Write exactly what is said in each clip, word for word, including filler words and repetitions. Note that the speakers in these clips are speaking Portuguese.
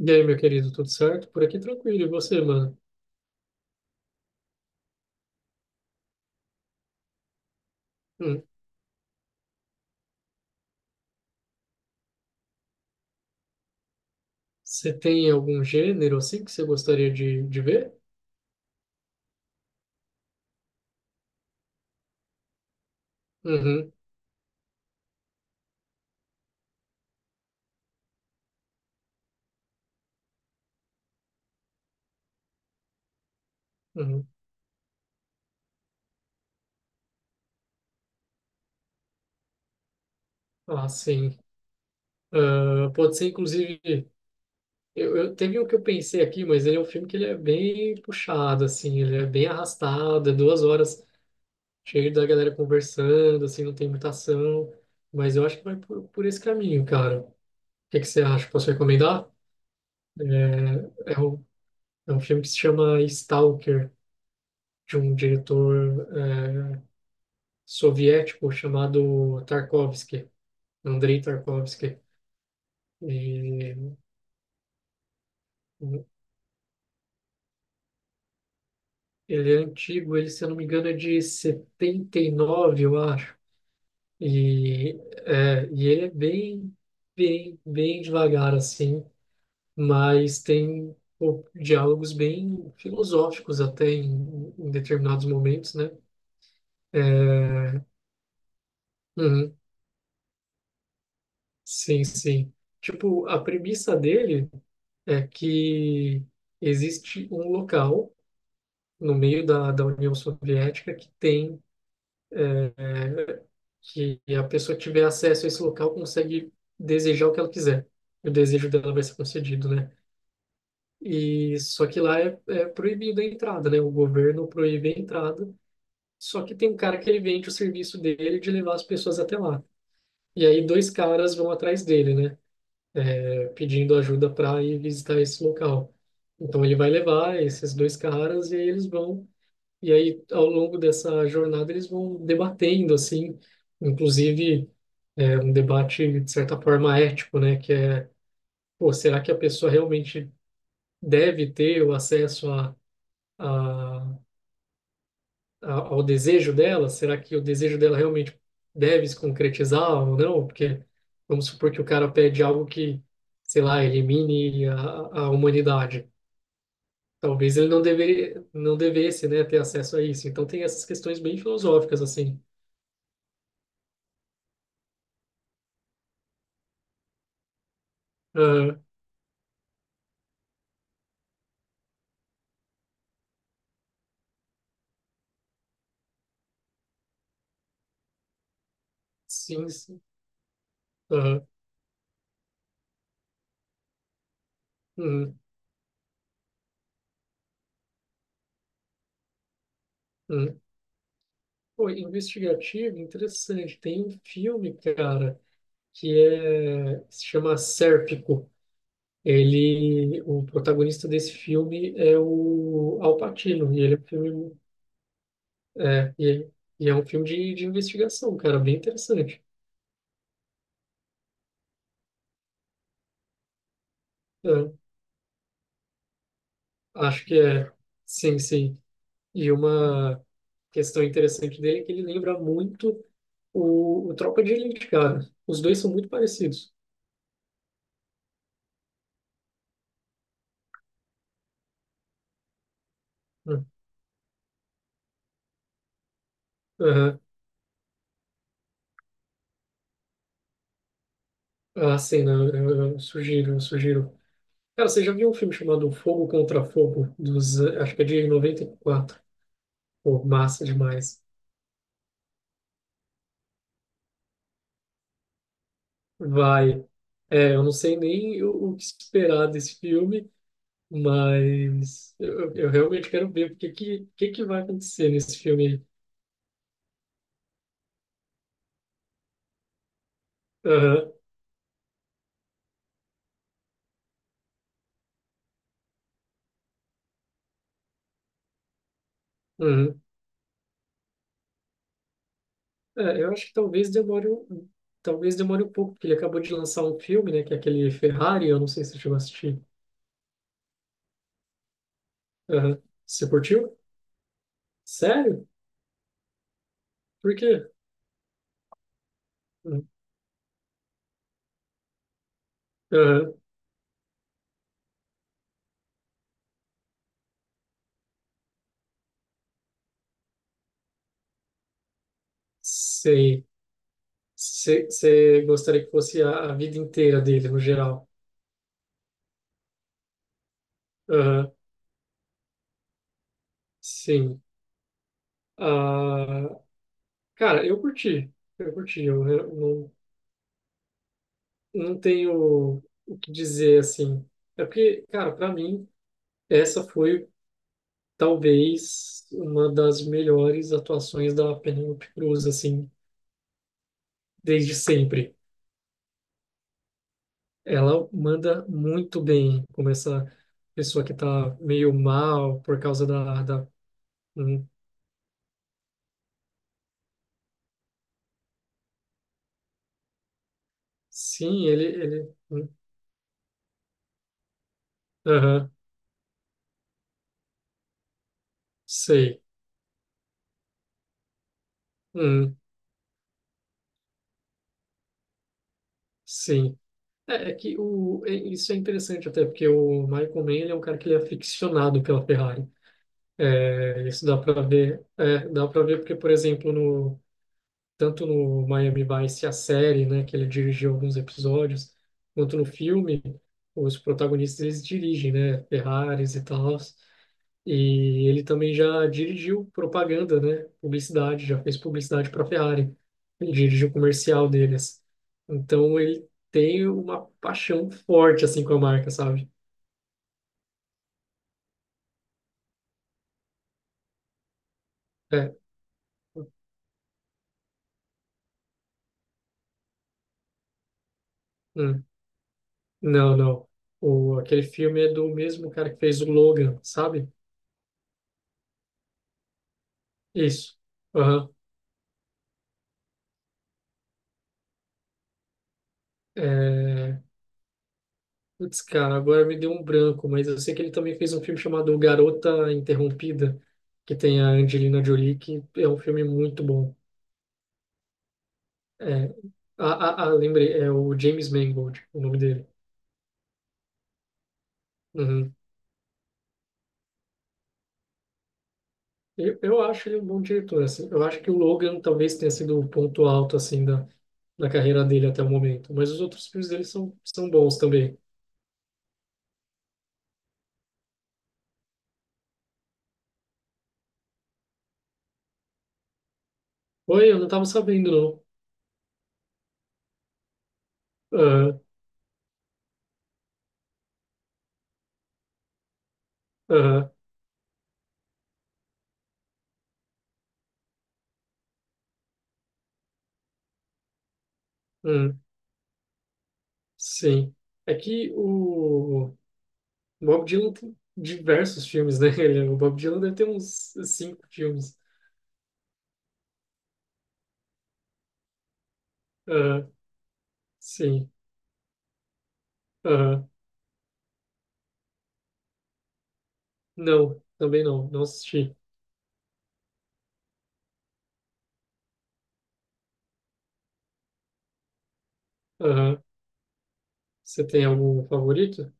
E aí, meu querido, tudo certo? Por aqui tranquilo. E você, mano? Hum. Você tem algum gênero assim que você gostaria de, de ver? Uhum, uhum. Ah, sim. Ah, pode ser, inclusive. Eu, eu, teve um que eu pensei aqui, mas ele é um filme que ele é bem puxado, assim, ele é bem arrastado, é duas horas cheio da galera conversando, assim, não tem muita ação. Mas eu acho que vai por, por esse caminho, cara. O que que você acha? Posso recomendar? É, é um, é um filme que se chama Stalker. De um diretor é, soviético chamado Tarkovsky, Andrei Tarkovsky. E ele é antigo, ele, se eu não me engano, é de setenta e nove eu acho. E, é, e ele é bem, bem, bem devagar, assim, mas tem pô, diálogos bem filosóficos até em, em determinados momentos, né? É, uhum, sim, sim. Tipo, a premissa dele é que existe um local no meio da, da União Soviética que tem é, é, que a pessoa que tiver acesso a esse local consegue desejar o que ela quiser. O desejo dela vai ser concedido, né? E só que lá é, é proibido a entrada, né? O governo proíbe a entrada. Só que tem um cara que ele vende o serviço dele de levar as pessoas até lá. E aí dois caras vão atrás dele, né? É, pedindo ajuda para ir visitar esse local. Então ele vai levar esses dois caras e aí eles vão e aí ao longo dessa jornada eles vão debatendo assim, inclusive é, um debate de certa forma ético, né? Que é, pô, será que a pessoa realmente deve ter o acesso a, a a- ao desejo dela? Será que o desejo dela realmente deve se concretizar ou não? Porque vamos supor que o cara pede algo que, sei lá, elimine a, a humanidade. Talvez ele não deveria, não devesse, né, ter acesso a isso. Então tem essas questões bem filosóficas assim. Aham, sim, sim. Aham, hum, hum. Pô, investigativo, interessante. Tem um filme, cara, que é se chama Sérpico. Ele, o protagonista desse filme é o Al Pacino, e ele é um filme, é, e, é e é um filme de, de investigação, cara, bem interessante. É, acho que é, sim, sim. E uma questão interessante dele é que ele lembra muito o, o Tropa de Elite, cara. Os dois são muito parecidos, né? Aham. Ah, sim, né? Eu, eu sugiro, eu sugiro. Cara, você já viu um filme chamado Fogo contra Fogo, dos, eh, acho que é de noventa e quatro? Pô, massa demais. Vai. É, eu não sei nem o, o que esperar desse filme, mas eu, eu realmente quero ver o que, que, que, que vai acontecer nesse filme aí. Aham, uhum. É, eu acho que talvez demore, um- talvez demore um pouco, porque ele acabou de lançar um filme, né, que é aquele Ferrari, eu não sei se você chegou a assistir. Aham. Você curtiu? Sério? Por quê? Uhum. Aham, sei. Você você gostaria que fosse a, a vida inteira dele, no geral. Aham, sim. Ah, cara, eu curti. Eu curti. Eu re- não, não tenho o que dizer assim. É porque, cara, pra mim, essa foi talvez uma das melhores atuações da Penélope Cruz, assim, desde sempre. Ela manda muito bem, como essa pessoa que tá meio mal por causa da, da... Hum, sim, ele, ele... Hum, aham, sei. Hum, sim. É, é que o, é- isso é interessante até, porque o Michael Mann, ele é um cara que ele é aficionado pela Ferrari. É, isso dá para ver, é, dá para ver porque, por exemplo, no, tanto no Miami Vice, a série, né, que ele dirigiu alguns episódios, quanto no filme, os protagonistas, eles dirigem, né, Ferraris e tal. E ele também já dirigiu propaganda, né? Publicidade, já fez publicidade para a Ferrari. Ele dirigiu o comercial deles. Então ele tem uma paixão forte assim com a marca, sabe? É. Hum, não, não. O, aquele filme é do mesmo cara que fez o Logan, sabe? Isso. Aham. É... Putz, cara, agora me deu um branco, mas eu sei que ele também fez um filme chamado Garota Interrompida, que tem a Angelina Jolie, que é um filme muito bom. É, ah, ah, ah, lembrei, é o James Mangold, o nome dele. Uhum. Eu, eu acho ele um bom diretor, assim. Eu acho que o Logan talvez tenha sido o ponto alto, assim, da, da carreira dele até o momento. Mas os outros filmes dele são, são bons também. Oi, eu não estava sabendo, não. Aham, aham, hum, sim. É que o Bob Dylan tem diversos filmes, né? Ele, o Bob Dylan deve ter uns cinco filmes. Aham, sim. Aham, não, também não, não assisti. Aham. Você tem algum favorito?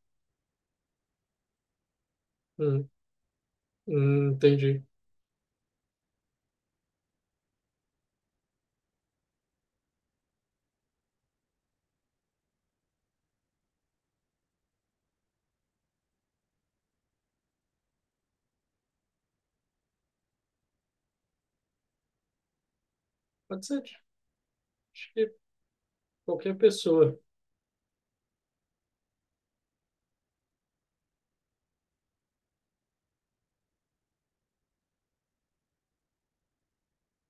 Hum, hum, entendi. Pode ser de- acho que qualquer pessoa.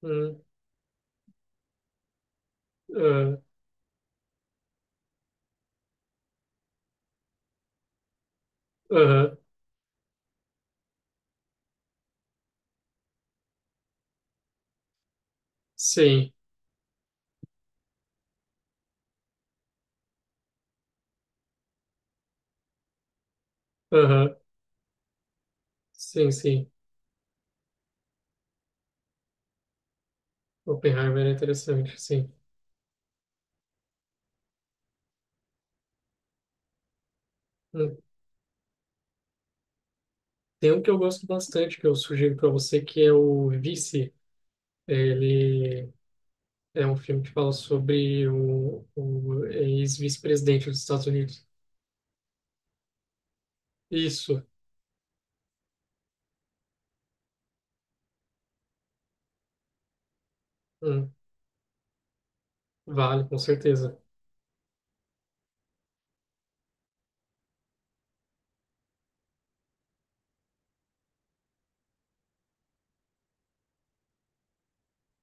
Hum, ah, aham, sim, aham, sim, sim. Oppenheimer é interessante, sim. Hum, tem um que eu gosto bastante, que eu sugiro para você, que é o Vice. Ele é um filme que fala sobre o, o ex-vice-presidente dos Estados Unidos. Isso, hum, vale, com certeza.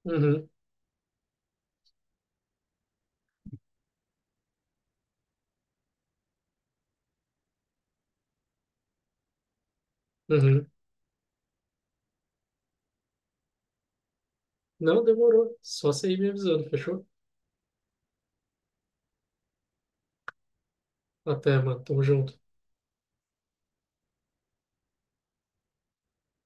Uhum, uhum. Não demorou, só você ir me avisando, fechou? Até, mano. Tamo junto.